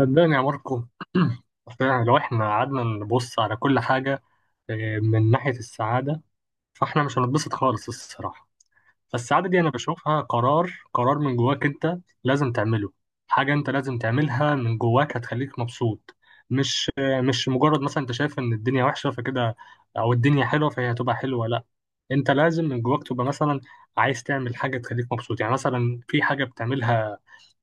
صدقني يا ماركو فعلا لو احنا قعدنا نبص على كل حاجة من ناحية السعادة فاحنا مش هنتبسط خالص الصراحة. فالسعادة دي انا بشوفها قرار قرار من جواك. انت لازم تعمله، حاجة انت لازم تعملها من جواك هتخليك مبسوط. مش مجرد مثلا انت شايف ان الدنيا وحشة فكده، او الدنيا حلوة فهي هتبقى حلوة. لا، انت لازم من جواك تبقى مثلا عايز تعمل حاجة تخليك مبسوط. يعني مثلا في حاجة بتعملها،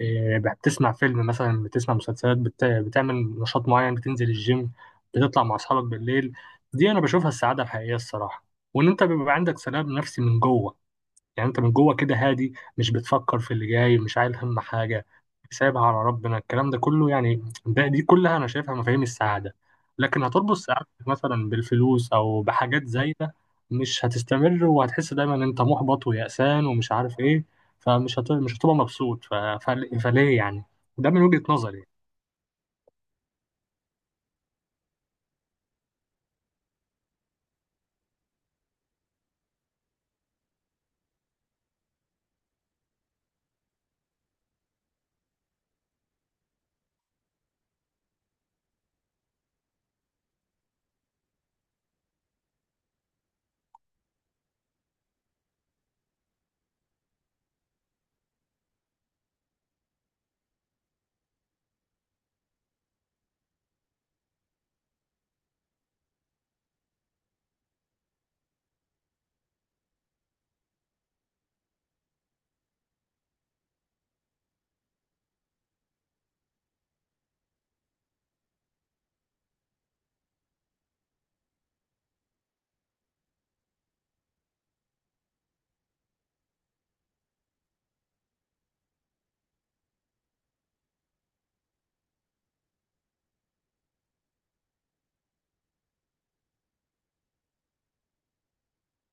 بتسمع فيلم، مثلا بتسمع مسلسلات، بتعمل نشاط معين، بتنزل الجيم، بتطلع مع اصحابك بالليل. دي انا بشوفها السعاده الحقيقيه الصراحه. وان انت بيبقى عندك سلام نفسي من جوه، يعني انت من جوه كده هادي، مش بتفكر في اللي جاي، مش عايل هم حاجه، سايبها على ربنا. الكلام ده كله، يعني دي كلها انا شايفها مفاهيم السعاده. لكن هتربط سعادتك مثلا بالفلوس او بحاجات زايده، مش هتستمر، وهتحس دايما ان انت محبط ويأسان ومش عارف ايه. مش هتبقى مبسوط فليه يعني؟ ده من وجهة نظري يعني.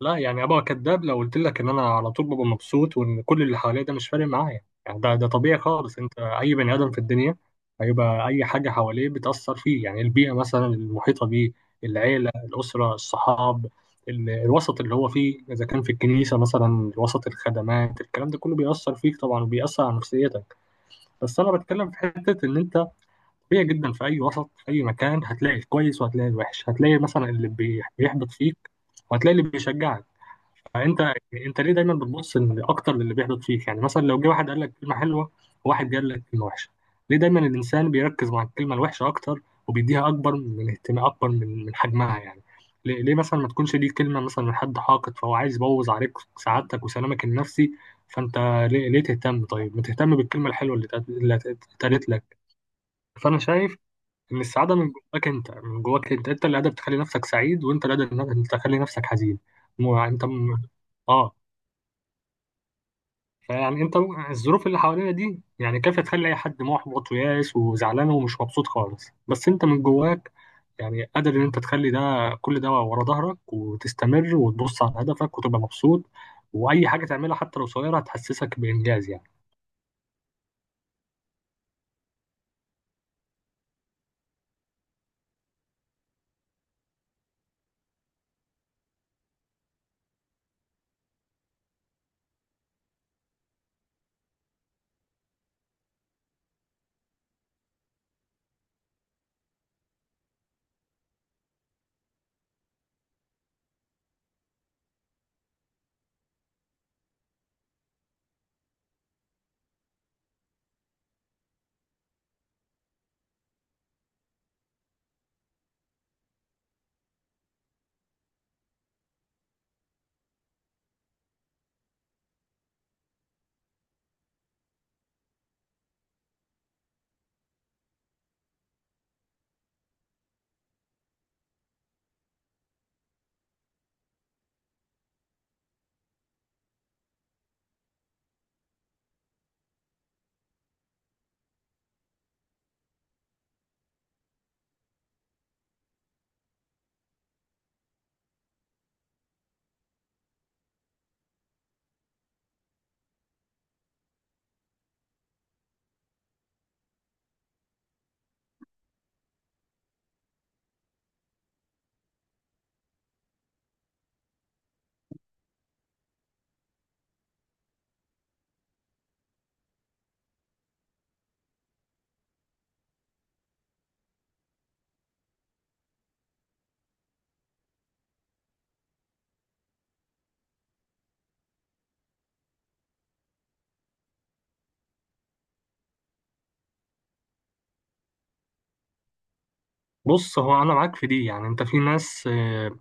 لا، يعني ابقى كداب لو قلت لك ان انا على طول ببقى مبسوط وان كل اللي حواليا ده مش فارق معايا. يعني ده طبيعي خالص، انت اي بني ادم في الدنيا هيبقى اي حاجه حواليه بتاثر فيه. يعني البيئه مثلا المحيطه بيه، العيله، الاسره، الصحاب، الوسط اللي هو فيه، اذا كان في الكنيسه مثلا وسط الخدمات، الكلام ده كله بيأثر فيك طبعا وبيأثر على نفسيتك. بس انا بتكلم في حته ان انت طبيعي جدا، في اي وسط في اي مكان هتلاقي الكويس وهتلاقي الوحش، هتلاقي مثلا اللي بيحبط فيك وهتلاقي اللي بيشجعك. فانت يعني انت ليه دايما بتبص إن اكتر للي بيحدث فيك؟ يعني مثلا لو جه واحد قال لك كلمه حلوه وواحد قال لك كلمه وحشه، ليه دايما الانسان بيركز مع الكلمه الوحشه اكتر وبيديها اكبر من اهتمام، اكبر من حجمها يعني؟ ليه مثلا ما تكونش دي كلمه مثلا من حد حاقد فهو عايز يبوظ عليك سعادتك وسلامك النفسي؟ فانت ليه تهتم؟ طيب ما تهتم بالكلمه الحلوه اللي اتقالت لك. فانا شايف ان السعاده من جواك انت، من جواك انت اللي قادر تخلي نفسك سعيد وانت اللي قادر إنك تخلي نفسك حزين. مو- يعني انت م- اه فيعني الظروف اللي حوالينا دي يعني كافية تخلي اي حد محبط وياس وزعلان ومش مبسوط خالص، بس انت من جواك يعني قادر ان انت تخلي ده، كل ده ورا ظهرك، وتستمر وتبص على هدفك وتبقى مبسوط. واي حاجة تعملها حتى لو صغيرة هتحسسك بانجاز يعني. بص، هو انا معاك في دي. يعني انت في ناس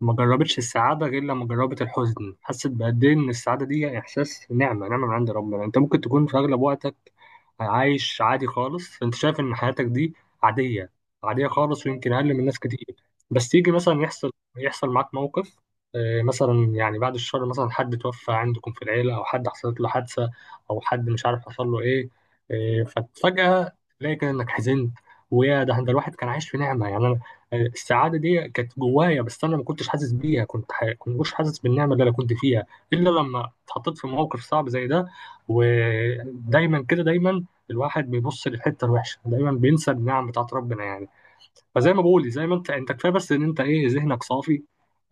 ما جربتش السعادة غير لما جربت الحزن، حست بقد إيه إن السعادة دي إحساس، نعمة نعمة من عند ربنا. أنت ممكن تكون في أغلب وقتك عايش عادي خالص، أنت شايف إن حياتك دي عادية عادية خالص، ويمكن أقل من ناس كتير. بس يجي مثلا يحصل معاك موقف، مثلا يعني بعد الشر مثلا حد توفى عندكم في العيلة أو حد حصلت له حادثة أو حد مش عارف حصل له إيه. ففجأة تلاقي كده إنك حزنت. ويا، ده الواحد كان عايش في نعمة يعني. السعاده دي كانت جوايا بس انا ما كنتش حاسس بيها. كنت مش حاسس بالنعمه اللي انا كنت فيها الا لما اتحطيت في موقف صعب زي ده. ودايما كده، دايما الواحد بيبص للحته الوحشه، دايما بينسى النعم بتاعت ربنا يعني. فزي ما بقول، زي ما انت كفايه بس ان انت ذهنك صافي،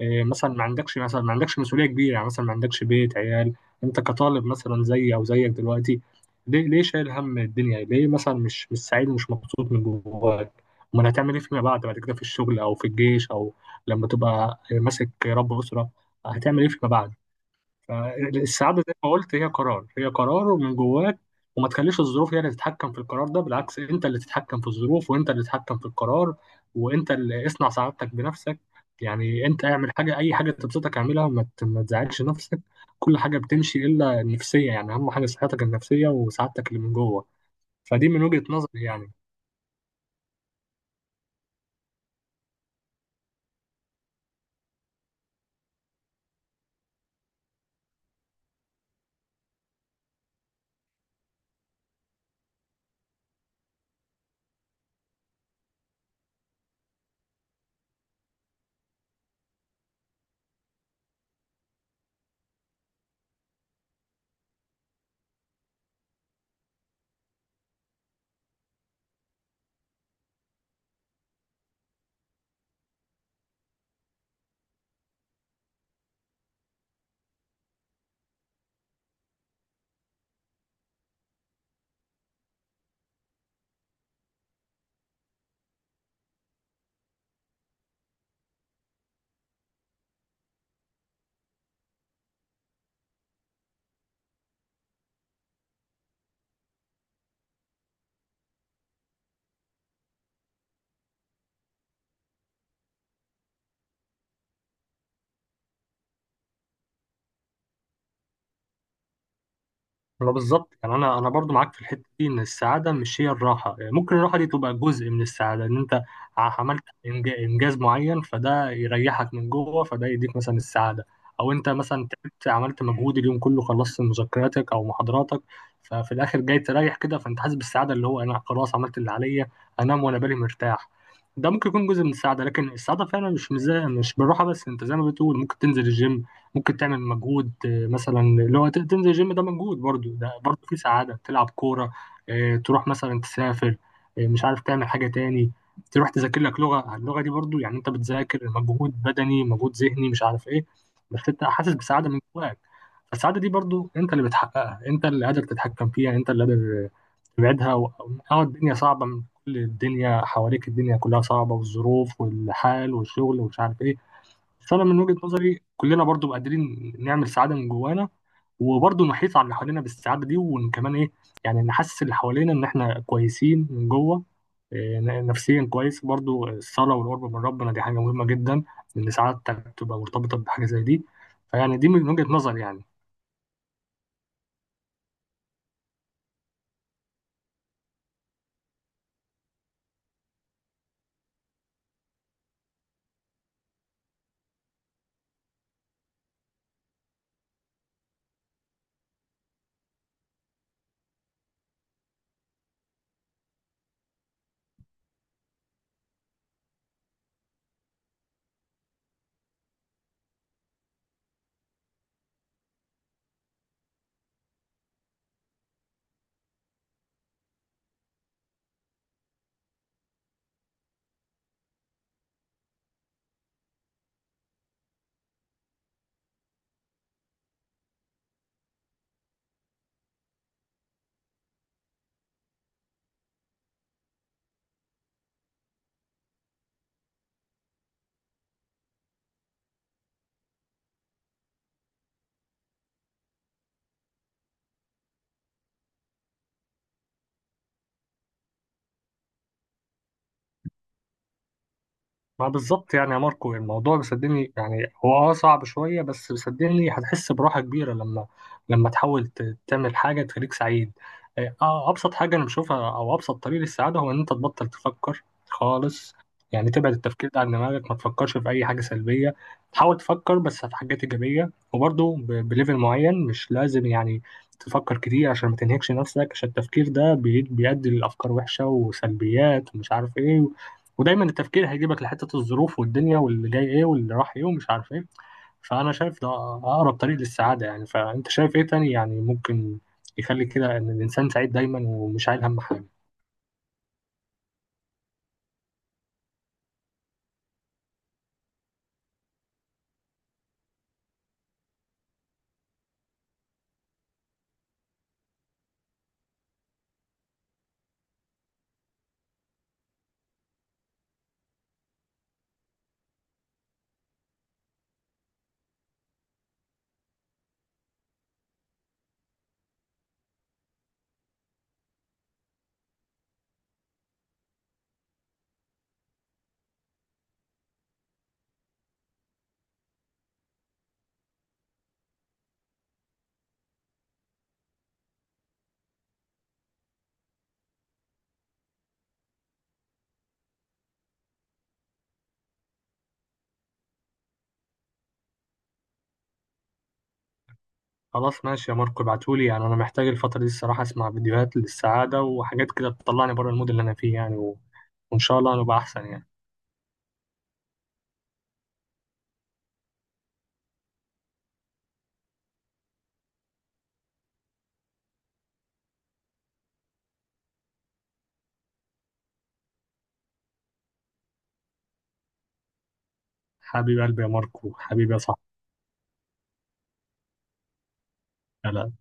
مثلا ما عندكش مسؤوليه كبيره. يعني مثلا ما عندكش بيت، عيال، انت كطالب مثلا زي او زيك دلوقتي. ليه شايل هم الدنيا؟ ليه مثلا مش سعيد ومش مبسوط من جواك؟ امال هتعمل ايه فيما بعد كده في الشغل او في الجيش، او لما تبقى ماسك رب اسره، هتعمل ايه فيما بعد؟ فالسعادة زي ما قلت هي قرار، هي قرار ومن جواك. وما تخليش الظروف هي اللي تتحكم في القرار ده، بالعكس، انت اللي تتحكم في الظروف وانت اللي تتحكم في القرار وانت اللي اصنع سعادتك بنفسك. يعني انت اعمل حاجة، اي حاجة تبسطك اعملها، ما تزعلش نفسك. كل حاجة بتمشي الا النفسية، يعني اهم حاجة صحتك النفسية وسعادتك اللي من جوه. فدي من وجهة نظري يعني. ما بالظبط. يعني انا برضو معاك في الحته دي ان السعاده مش هي الراحه. يعني ممكن الراحه دي تبقى جزء من السعاده، ان انت عملت انجاز معين، فده يريحك من جوه، فده يديك مثلا السعاده. او انت مثلا تعبت، عملت مجهود اليوم كله، خلصت مذكراتك او محاضراتك، ففي الاخر جاي تريح كده، فانت حاسس بالسعاده اللي هو انا خلاص عملت اللي عليا، انام وانا بالي مرتاح. ده ممكن يكون جزء من السعاده، لكن السعاده فعلا مش بالراحه بس. انت زي ما بتقول ممكن تنزل الجيم، ممكن تعمل مجهود، مثلا اللي هو تنزل الجيم ده مجهود برضو، ده برضو في سعادة، تلعب كورة، تروح مثلا تسافر، مش عارف تعمل حاجة تاني، تروح تذاكر لك اللغة دي برضو يعني انت بتذاكر، مجهود بدني، مجهود ذهني مش عارف ايه، بس انت حاسس بسعادة من جواك. فالسعادة دي برضو انت اللي بتحققها، انت اللي قادر تتحكم فيها، انت اللي قادر تبعدها. الدنيا صعبة من كل الدنيا حواليك، الدنيا كلها صعبة، والظروف والحال والشغل ومش عارف ايه. بس انا من وجهة نظري كلنا برضو قادرين نعمل سعادة من جوانا، وبرضو نحيط على اللي حوالينا بالسعادة دي. وكمان ايه؟ يعني نحسس اللي حوالينا ان احنا كويسين من جوه، نفسيا كويس. برضو الصلاة والقرب من ربنا دي حاجة مهمة جدا، ان سعادتك تبقى مرتبطة بحاجة زي دي. فيعني دي من وجهة نظري يعني. ما بالظبط. يعني يا ماركو الموضوع، بيصدقني يعني هو صعب شوية، بس بيصدقني هتحس براحة كبيرة لما، تحاول تعمل حاجة تخليك سعيد. إيه، اه أبسط حاجة أنا بشوفها أو أبسط طريق للسعادة هو إن أنت تبطل تفكر خالص. يعني تبعد التفكير ده عن دماغك، ما تفكرش في أي حاجة سلبية، تحاول تفكر بس في حاجات إيجابية. وبرضه بليفل معين، مش لازم يعني تفكر كتير عشان ما تنهكش نفسك، عشان التفكير ده بيؤدي لأفكار وحشة وسلبيات ومش عارف إيه. ودايما التفكير هيجيبك لحتة الظروف والدنيا واللي جاي ايه واللي راح ايه ومش عارف ايه. فأنا شايف ده أقرب طريق للسعادة يعني. فأنت شايف ايه تاني يعني ممكن يخلي كده إن الإنسان سعيد دايما ومش عايل هم حاجة؟ خلاص ماشي يا ماركو، ابعتولي. يعني أنا محتاج الفترة دي الصراحة أسمع فيديوهات للسعادة وحاجات كده تطلعني بره المود اللي أنا فيه يعني، وإن شاء الله هنبقى أحسن يعني. حبيب قلبي يا ماركو، حبيبي يا صاحبي. لا، لا.